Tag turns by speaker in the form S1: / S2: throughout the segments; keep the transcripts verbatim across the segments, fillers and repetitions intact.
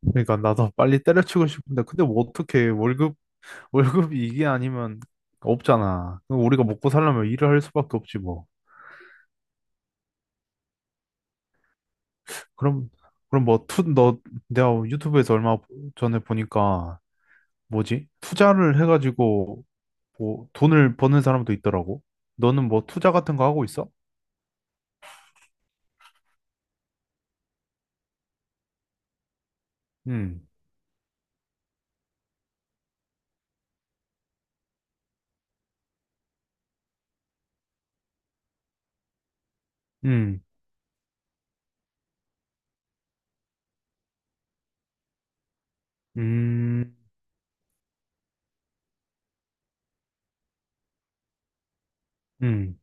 S1: 그러니까 나도 빨리 때려치고 싶은데 근데 뭐 어떻게 월급 월급이 이게 아니면 없잖아. 그럼 우리가 먹고 살려면 일을 할 수밖에 없지 뭐. 그럼 그럼 뭐 투 너 내가 유튜브에서 얼마 전에 보니까 뭐지? 투자를 해가지고 뭐 돈을 버는 사람도 있더라고. 너는 뭐 투자 같은 거 하고 있어? 음, 음, 음, 음,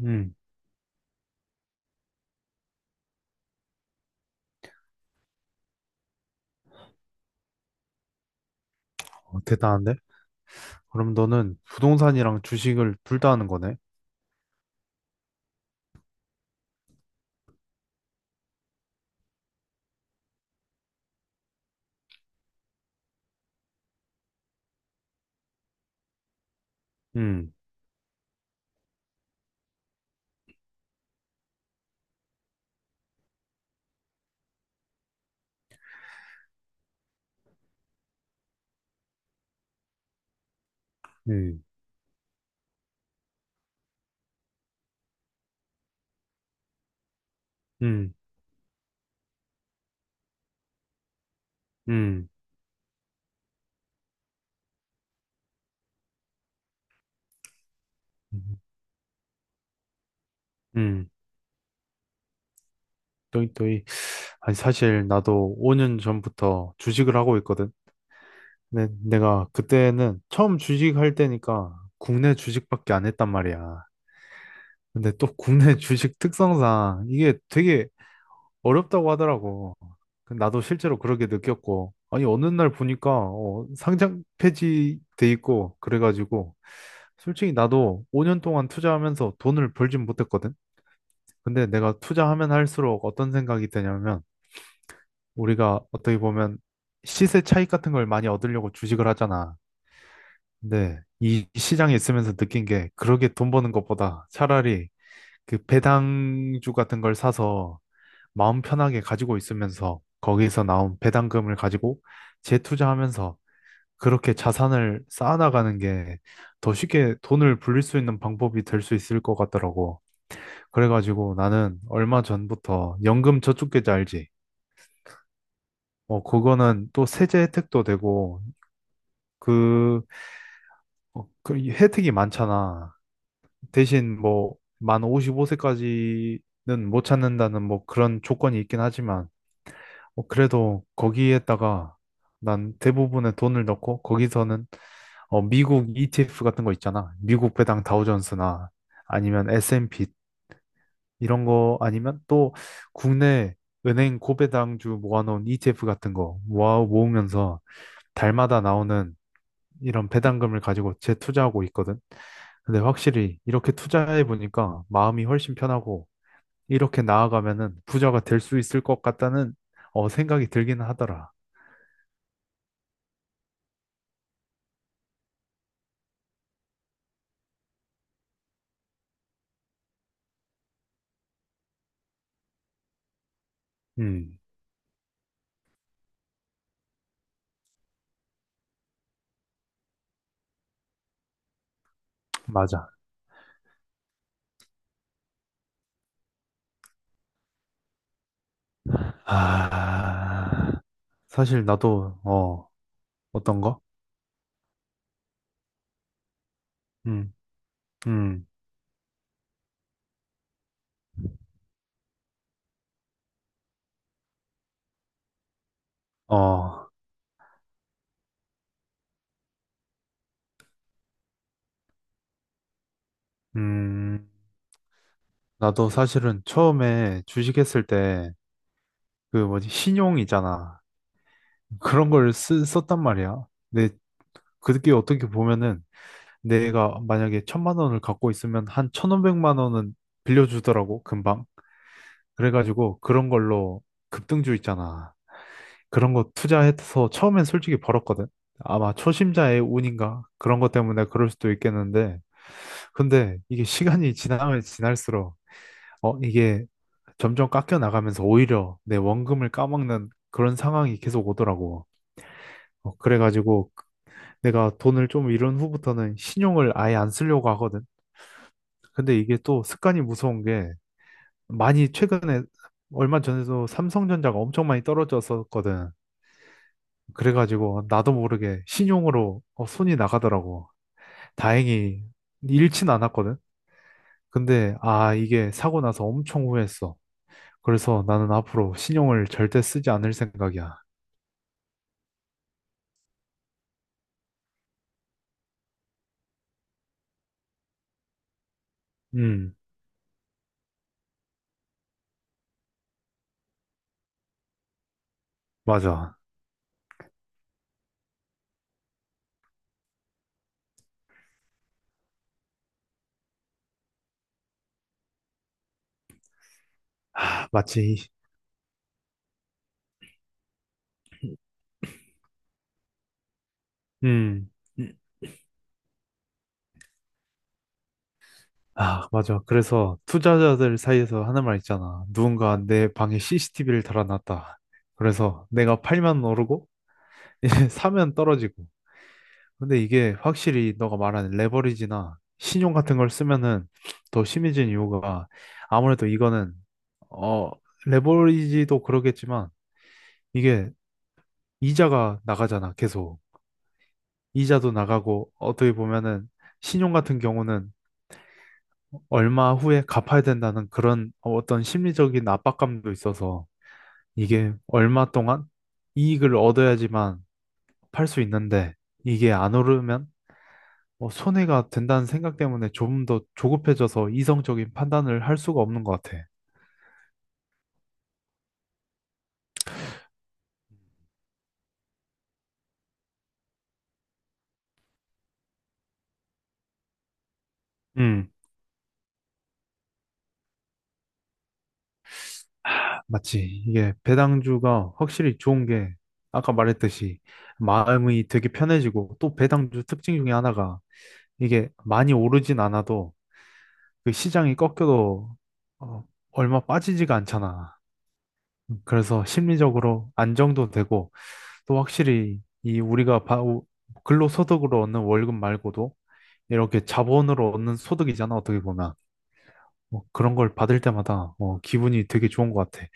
S1: 음. 어, 대단한데? 그럼 너는 부동산이랑 주식을 둘 다 하는 거네? 음, 음, 음, 음. 음. 또이 또이. 아니 사실 나도 오 년 전부터 주식을 하고 있거든. 내, 내가 그때는 처음 주식할 때니까 국내 주식밖에 안 했단 말이야. 근데 또 국내 주식 특성상 이게 되게 어렵다고 하더라고. 그 나도 실제로 그렇게 느꼈고. 아니 어느 날 보니까 어, 상장 폐지돼 있고 그래가지고 솔직히 나도 오 년 동안 투자하면서 돈을 벌진 못했거든. 근데 내가 투자하면 할수록 어떤 생각이 드냐면 우리가 어떻게 보면 시세 차익 같은 걸 많이 얻으려고 주식을 하잖아. 근데 이 시장에 있으면서 느낀 게 그렇게 돈 버는 것보다 차라리 그 배당주 같은 걸 사서 마음 편하게 가지고 있으면서 거기서 나온 배당금을 가지고 재투자하면서 그렇게 자산을 쌓아나가는 게 더 쉽게 돈을 불릴 수 있는 방법이 될 수 있을 것 같더라고. 그래가지고 나는 얼마 전부터 연금 저축계좌 알지? 어, 그거는 또 세제 혜택도 되고 그, 어, 그 혜택이 많잖아. 대신 뭐, 만 오십오 세까지는 못 찾는다는 뭐 그런 조건이 있긴 하지만, 어, 그래도 거기에다가 난 대부분의 돈을 넣고, 거기서는 어, 미국 이티에프 같은 거 있잖아. 미국 배당 다우존스나 아니면 에스앤피 이런 거 아니면 또 국내 은행 고배당주 모아놓은 이티에프 같은 거 모아 모으면서 달마다 나오는 이런 배당금을 가지고 재투자하고 있거든. 근데 확실히 이렇게 투자해 보니까 마음이 훨씬 편하고 이렇게 나아가면은 부자가 될 수 있을 것 같다는 어, 생각이 들기는 하더라. 음, 맞아. 아, 사실 나도 어, 어떤 거? 음, 음, 어, 음, 나도 사실은 처음에 주식했을 때 그 뭐지 신용이잖아. 그런 걸 쓰, 썼단 말이야. 근데 그게 어떻게 보면은 내가 만약에 천만 원을 갖고 있으면 한 천오백만 원은 빌려주더라고, 금방. 그래가지고 그런 걸로 급등주 있잖아. 그런 거 투자해서 처음엔 솔직히 벌었거든. 아마 초심자의 운인가? 그런 것 때문에 그럴 수도 있겠는데. 근데 이게 시간이 지나면 지날수록, 어, 이게 점점 깎여 나가면서 오히려 내 원금을 까먹는 그런 상황이 계속 오더라고. 어, 그래가지고 내가 돈을 좀 잃은 후부터는 신용을 아예 안 쓰려고 하거든. 근데 이게 또 습관이 무서운 게 많이 최근에 얼마 전에도 삼성전자가 엄청 많이 떨어졌었거든. 그래가지고 나도 모르게 신용으로 어, 손이 나가더라고. 다행히 잃진 않았거든. 근데 아 이게 사고 나서 엄청 후회했어. 그래서 나는 앞으로 신용을 절대 쓰지 않을 생각이야. 음, 맞아. 하, 마치 음. 아, 맞아. 그래서 투자자들 사이에서 하는 말 있잖아. 누군가 내 방에 씨씨티비를 달아놨다. 그래서 내가 팔면 오르고, 이제 사면 떨어지고. 근데 이게 확실히 너가 말하는 레버리지나 신용 같은 걸 쓰면은 더 심해진 이유가 아무래도 이거는, 어, 레버리지도 그러겠지만 이게 이자가 나가잖아. 계속. 이자도 나가고, 어떻게 보면은 신용 같은 경우는 얼마 후에 갚아야 된다는 그런 어떤 심리적인 압박감도 있어서 이게 얼마 동안 이익을 얻어야지만 팔 수 있는데 이게 안 오르면 뭐 손해가 된다는 생각 때문에 조금 더 조급해져서 이성적인 판단을 할 수가 없는 것 같아. 음, 맞지. 이게 배당주가 확실히 좋은 게 아까 말했듯이 마음이 되게 편해지고 또 배당주 특징 중에 하나가 이게 많이 오르진 않아도 그 시장이 꺾여도 어, 얼마 빠지지가 않잖아. 그래서 심리적으로 안정도 되고 또 확실히 이 우리가 바- 우- 근로소득으로 얻는 월급 말고도 이렇게 자본으로 얻는 소득이잖아 어떻게 보면 뭐 그런 걸 받을 때마다 어, 기분이 되게 좋은 것 같아.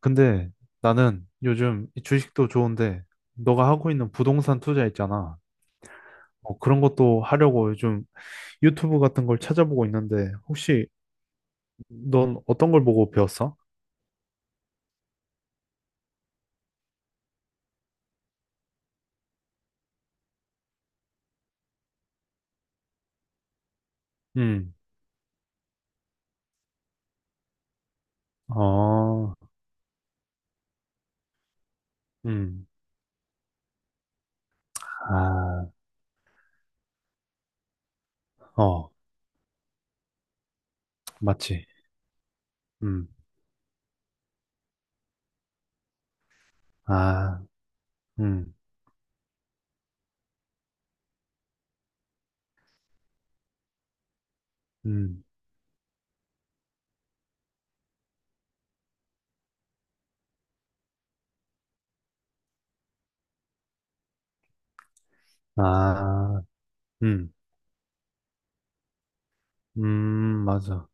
S1: 근데 나는 요즘 이 주식도 좋은데 너가 하고 있는 부동산 투자 있잖아. 어, 그런 것도 하려고 요즘 유튜브 같은 걸 찾아보고 있는데 혹시 넌 어떤 걸 보고 배웠어? 어, 음, 아, 어, 맞지. 음, 아, 음, 음, 아, 음, 음, 맞아.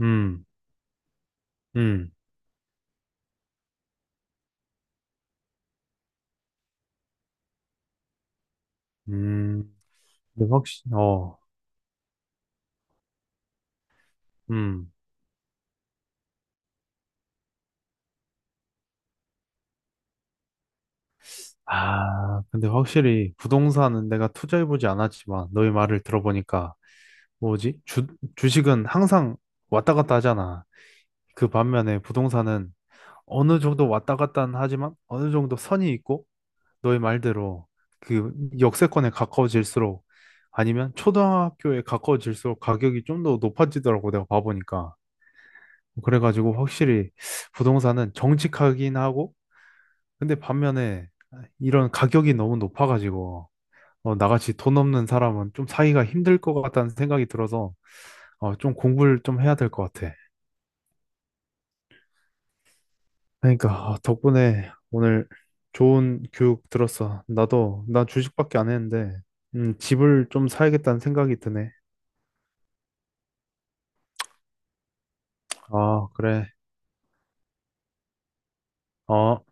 S1: 음, 음, 음. 근데 확실히, 어, 음. 아, 근데 확실히 부동산은 내가 투자해보지 않았지만 너의 말을 들어보니까 뭐지? 주, 주식은 항상 왔다 갔다 하잖아. 그 반면에 부동산은 어느 정도 왔다 갔다 하지만 어느 정도 선이 있고 너의 말대로 그 역세권에 가까워질수록 아니면 초등학교에 가까워질수록 가격이 좀 더 높아지더라고 내가 봐보니까. 그래가지고 확실히 부동산은 정직하긴 하고 근데 반면에 이런 가격이 너무 높아가지고 어, 나같이 돈 없는 사람은 좀 사기가 힘들 것 같다는 생각이 들어서 어, 좀 공부를 좀 해야 될 것 같아. 그러니까 아, 덕분에 오늘 좋은 교육 들었어. 나도 나 주식밖에 안 했는데 음, 집을 좀 사야겠다는 생각이 드네. 아, 그래. 어.